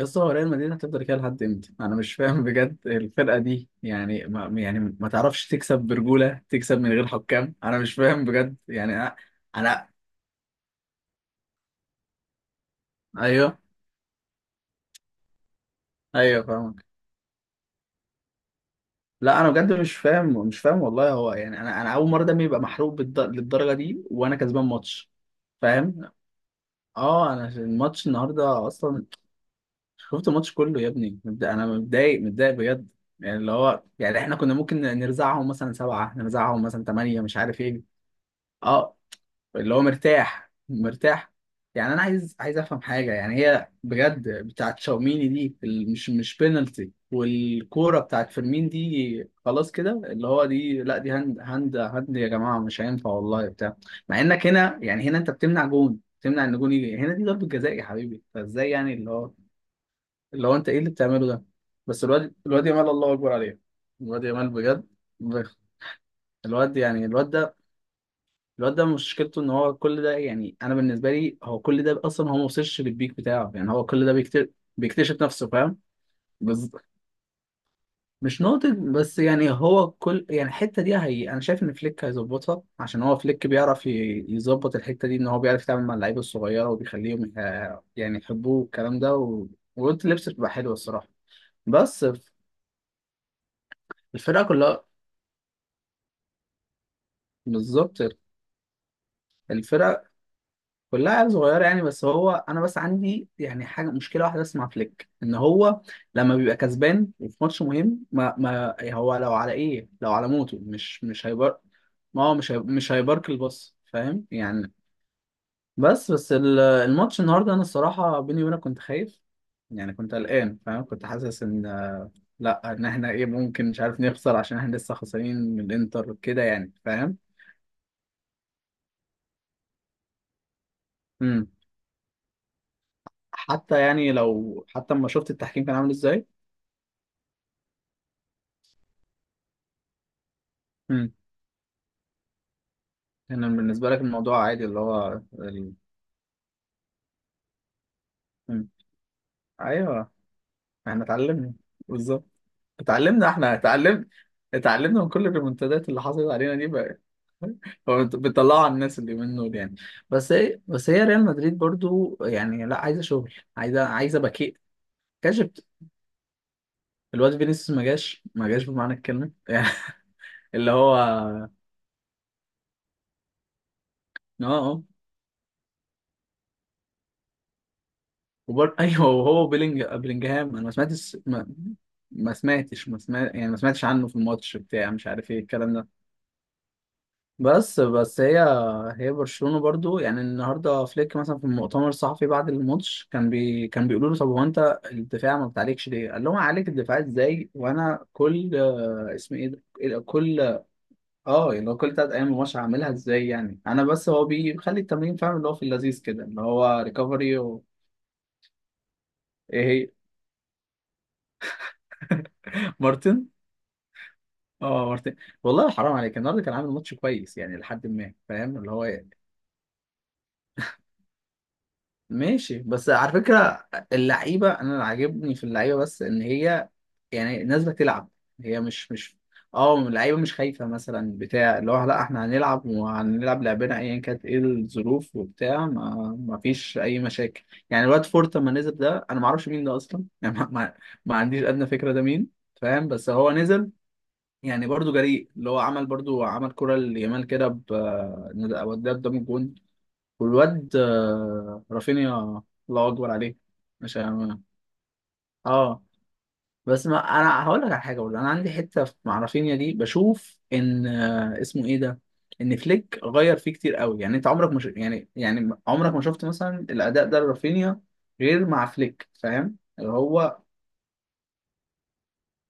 يا اسطى، هو ريال مدريد هتفضل كده لحد امتى؟ انا مش فاهم بجد. الفرقه دي يعني ما تعرفش تكسب برجوله، تكسب من غير حكام. انا مش فاهم بجد. يعني انا ايوه ايوه فاهمك. لا، انا بجد مش فاهم، مش فاهم والله. هو يعني انا اول مره دمي يبقى محروق للدرجه دي وانا كسبان ماتش. فاهم؟ اه، انا الماتش النهارده اصلا شفت الماتش كله. يا ابني انا متضايق، متضايق بجد. يعني اللي هو، يعني احنا كنا ممكن نرزعهم مثلا سبعه، نرزعهم مثلا ثمانيه، مش عارف ايه. اه، اللي هو مرتاح، مرتاح. يعني انا عايز افهم حاجه. يعني هي بجد بتاعت شاوميني دي، مش بينالتي، والكوره بتاعت فيرمين دي خلاص كده، اللي هو دي لا، دي هاند، هاند، هاند يا جماعه. مش هينفع والله بتاع. مع انك هنا يعني، هنا انت بتمنع جون، بتمنع ان جون يجي هنا. دي ضربه جزاء يا حبيبي، فازاي يعني اللي هو، اللي هو انت ايه اللي بتعمله ده؟ بس الواد، يامال الله اكبر عليه. الواد يامال بجد. الواد ده مشكلته ان هو كل ده، يعني انا بالنسبه لي، هو كل ده اصلا هو ما وصلش للبيك بتاعه. يعني هو كل ده بيكتشف نفسه، فاهم؟ بز... مش ناضج. بس يعني هو كل، يعني الحته دي، هي انا شايف ان فليك هيظبطها، عشان هو فليك بيعرف يظبط الحته دي. ان هو بيعرف يتعامل مع اللعيبه الصغيره وبيخليهم يعني يحبوه، والكلام ده وقلت لبس بتبقى حلوه الصراحه. بس الفرقه كلها، بالظبط الفرقه كلها عيال صغيرة يعني. بس هو أنا بس عندي يعني حاجة، مشكلة واحدة بس مع فليك، إن هو لما بيبقى كسبان وفي ماتش مهم، ما يعني هو لو على إيه، لو على موته مش هيبر. ما هو مش هيبارك الباص، فاهم يعني؟ بس الماتش النهاردة أنا الصراحة بيني وبينك كنت خايف. يعني كنت قلقان فاهم، كنت حاسس إن، لأ، إن إحنا إيه، ممكن مش عارف نخسر عشان إحنا لسه خسرانين من الإنتر كده، يعني فاهم. مم. حتى يعني لو، حتى لما شفت التحكيم كان عامل إزاي. إمم. انا بالنسبه لك الموضوع عادي، اللي هو مم. ايوه، احنا اتعلمنا، بالظبط. اتعلمنا، احنا اتعلمنا من كل الريمونتادات اللي حصلت علينا دي بقى. هو بتطلعوا على الناس اللي منه يعني. بس هي، ريال مدريد برضو يعني لا، عايزه شغل، عايزه باكيت، كشفت. الواد فينيسيوس ما جاش، ما جاش بمعنى الكلمه يعني، اللي هو اه. آه. ايوه، وهو بلينجهام انا ما سمعتش ما سمعتش، ما سمعت يعني، ما سمعتش عنه في الماتش بتاع مش عارف ايه الكلام ده. بس هي برشلونة برضو يعني، النهارده فليك مثلا في المؤتمر الصحفي بعد الماتش، كان بيقولوا له طب هو انت الدفاع ما بتعليكش ليه؟ قال لهم عليك الدفاع ازاي، وانا كل اسم ايه ده؟ كل، اه اللي هو كل 3 ايام الماتش، هعملها ازاي يعني؟ انا بس هو بيخلي التمرين فاهم، اللي هو في اللذيذ كده، اللي هو ريكفري ايه هي. مارتن، اه مارتن، والله حرام عليك، النهارده كان عامل ماتش كويس يعني لحد ما، فاهم اللي هو. ماشي، بس على فكره، اللعيبه، انا اللي عاجبني في اللعيبه بس ان هي يعني نازله تلعب، هي مش اه، اللعيبه مش خايفه مثلا بتاع، اللي هو لا، احنا هنلعب وهنلعب لعبنا، ايا كانت ايه الظروف وبتاع ما فيش اي مشاكل. يعني الواد فورت لما نزل ده، انا ما اعرفش مين ده اصلا يعني ما عنديش ادنى فكره ده مين، فاهم. بس هو نزل، يعني برضو جريء، اللي هو عمل برضو عمل كرة ليامال كده ب، الواد ده قدام الجون. والواد رافينيا، الله أكبر عليه. مش عم- اه، بس ما انا هقول لك على حاجه برضه، انا عندي حته مع رافينيا دي بشوف ان اسمه ايه ده، ان فليك غير فيه كتير قوي. يعني انت عمرك مش، يعني عمرك ما شفت مثلا الاداء ده لرافينيا غير مع فليك، فاهم اللي هو.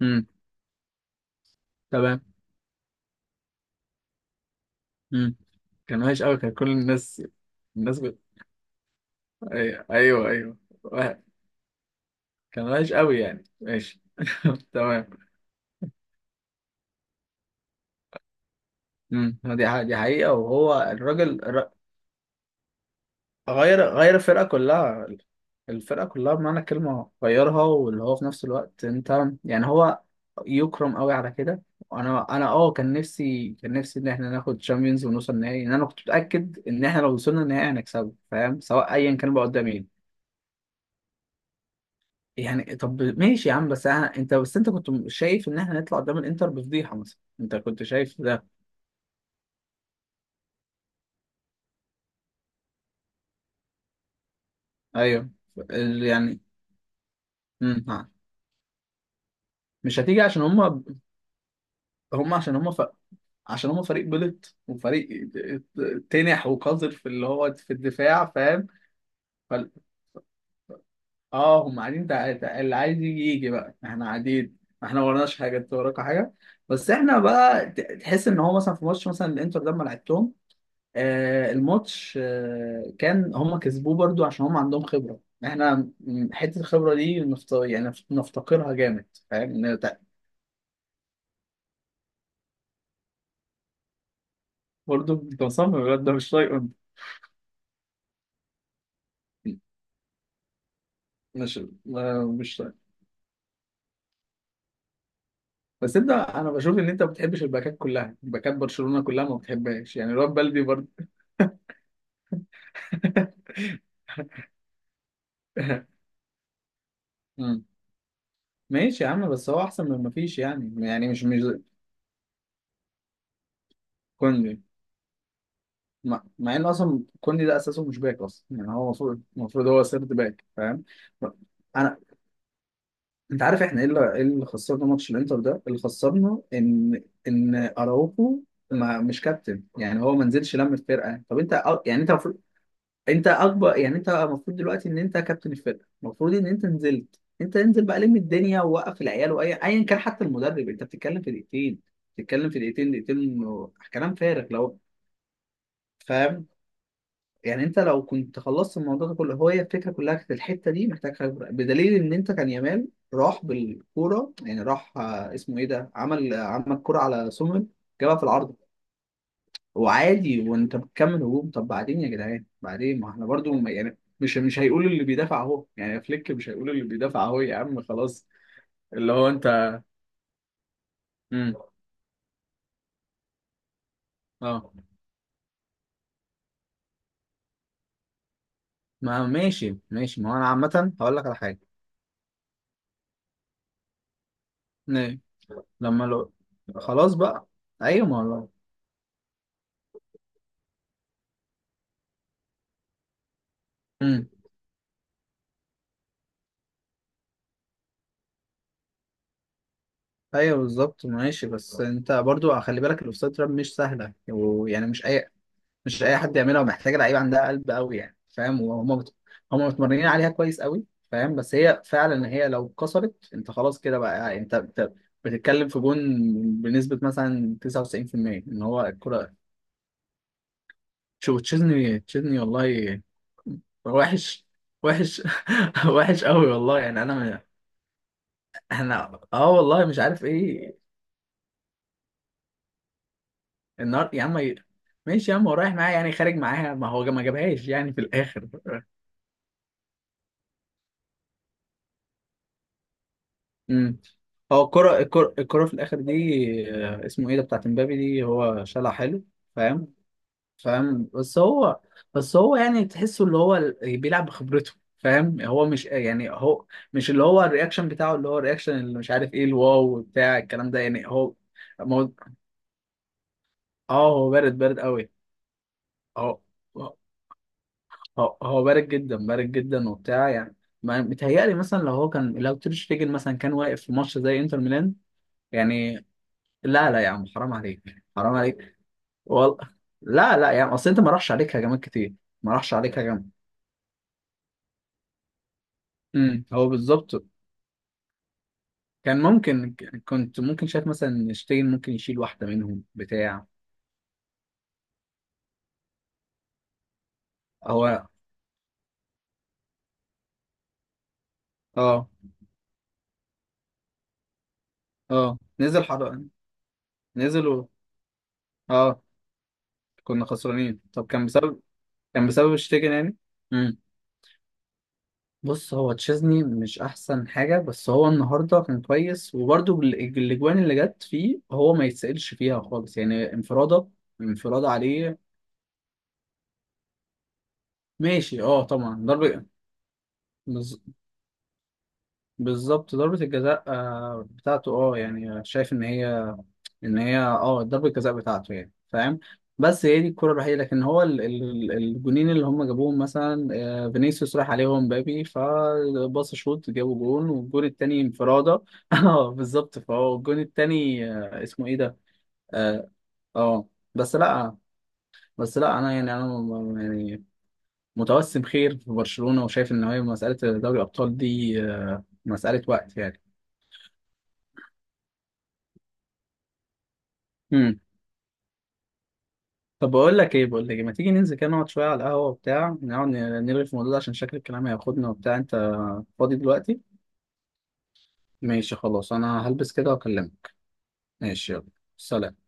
امم، تمام. امم، كان وحش قوي، كان كل الناس، الناس ايوه ايوه ايوه واحد. كان وحش قوي يعني، ماشي تمام. امم، دي حقيقة. وهو الراجل غير الفرقة كلها. الفرقة كلها بمعنى الكلمة غيرها. واللي هو في نفس الوقت انت يعني، هو يكرم قوي على كده. وانا اه، كان نفسي ان احنا ناخد تشامبيونز ونوصل نهائي. ان انا كنت متأكد ان احنا لو وصلنا النهائي هنكسبه، فاهم، سواء ايا كان بقى قدام مين. يعني طب ماشي يا عم، انت بس، انت كنت شايف ان احنا نطلع قدام الانتر بفضيحه مثلا؟ انت كنت شايف ده؟ ايوه. يعني مم. ها. مش هتيجي عشان هم، هم عشان عشان هم فريق بلط، وفريق تنح وقذر في اللي هو في الدفاع، فاهم. فال... اه، هم قاعدين اللي عايز يجي يجي بقى، احنا قاعدين. احنا ما وراناش حاجه، انت وراك حاجه. بس احنا بقى تحس ان هو مثلا في ماتش مثلا الانتر ده ما لعبتهم. الماتش كان هما كسبوه برضو عشان هما عندهم خبرة، احنا حتة الخبرة دي يعني نفتقرها جامد، فاهم، إن برضو. انت مصمم الواد ده مش طايقه أنت. مش مش طايقه. بس انت، انا بشوف ان انت ما بتحبش الباكات كلها، باكات برشلونة كلها ما بتحبهاش يعني، الواد بلدي برضو. مم. ماشي يا عم، بس هو احسن من ما فيش يعني، مش، زي كوندي. مع، ان اصلا كوندي ده اساسه مش باك اصلا يعني، هو المفروض هو سيرد باك، فاهم. انت عارف احنا ايه اللي، خسرنا ماتش الانتر ده؟ اللي خسرنا ان، ان اراوخو ما، مش كابتن، يعني هو ما نزلش لم الفرقه. طب انت يعني انت المفروض، انت اكبر، يعني انت المفروض دلوقتي ان انت كابتن الفرقه، المفروض ان انت نزلت، انت انزل بقى لم الدنيا ووقف العيال، واي ايا كان حتى المدرب. انت بتتكلم في دقيقتين، بتتكلم في دقيقتين، دقيقتين كلام فارغ لو فاهم يعني. انت لو كنت خلصت الموضوع ده كله، هو هي الفكره كلها كانت الحته دي محتاج خبره. بدليل ان انت كان يامال راح بالكوره، يعني راح اسمه ايه ده، عمل كوره على سومر جابها في العارضه وعادي، وانت بتكمل هجوم. طب بعدين يا جدعان، بعدين ما احنا برضو يعني مش هيقول اللي بيدافع اهو، يعني فليك مش هيقول اللي بيدافع اهو، يا عم خلاص. اللي هو انت. امم. اه، ما ماشي، ماشي، ما هو انا عامه هقول لك على حاجه. ليه؟ لما لو، خلاص بقى. ايوه، ما هو. ايوه، بالظبط. ماشي، بس انت برضو خلي بالك، الاوفسايد تراب مش سهله، ويعني مش اي حد يعملها، ومحتاجه لعيبه عندها قلب قوي يعني، فاهم. وهم هم متمرنين عليها كويس قوي فاهم. بس هي فعلا هي لو اتكسرت انت خلاص كده بقى، يعني انت بتتكلم في جون بنسبه مثلا 99% ان هو الكره. شو، تشيزني، تشيزني والله، وحش، وحش. وحش قوي والله يعني. انا احنا اه، والله مش عارف ايه. النهار يا عم. ماشي يا عم هو رايح معايا يعني، خارج معاها، ما هو ما جابهاش يعني في الاخر. امم، هو الكرة، الكرة، الكرة في الاخر دي، اسمه ايه ده، بتاعت امبابي دي هو شالها حلو، فاهم، فاهم. بس هو يعني تحسه اللي هو بيلعب بخبرته، فاهم. هو مش يعني هو مش اللي هو الرياكشن بتاعه، اللي هو الرياكشن اللي مش عارف ايه الواو بتاع الكلام ده يعني. هو مو- اه، هو بارد، بارد قوي. اه، هو بارد جدا، بارد جدا وبتاع يعني. ما متهيألي مثلا لو هو كان، لو تير شتيجن مثلا كان واقف في ماتش زي انتر ميلان يعني، لا لا يا عم حرام عليك، حرام عليك. وال... لا لا يا عم، اصل انت ما راحش عليك هجمات كتير، ما راحش عليك هجمات. امم، هو بالظبط. كان ممكن، كنت ممكن شايف مثلا ان شتيجن ممكن يشيل واحدة منهم بتاع، هو اه اه نزل نزل اه، كنا خسرانين. طب كان بسبب، كان بسبب شتيجن يعني؟ بص، هو تشيزني مش احسن حاجه، بس هو النهارده كان كويس، وبرده الاجوان اللي جت فيه هو ما يتسالش فيها خالص يعني، انفراده، انفراده عليه. ماشي اه طبعا، ضربه، بز- بالظبط ضربه الجزاء بتاعته اه، يعني شايف ان هي، ان هي اه ضربة الجزاء بتاعته يعني، فاهم. بس هي دي الكرة الوحيدة، لكن هو الجونين اللي هم جابوهم مثلا، فينيسيوس راح عليهم، مبابي فباص شوت جابوا جون، والجون التاني انفرادة. اه بالظبط، فهو الجون التاني اسمه ايه ده، اه. آه. بس لا بس لا انا يعني انا يعني متوسم خير في برشلونة، وشايف ان هي مسألة دوري الابطال دي مسألة وقت يعني. طب بقول لك ايه، بقول لك إيه، ما تيجي ننزل كده نقعد شويه على القهوه، وبتاع نقعد نرغي في الموضوع ده عشان شكل الكلام هياخدنا، وبتاع. انت فاضي دلوقتي؟ ماشي خلاص، انا هلبس كده واكلمك. ماشي، يلا. سلام.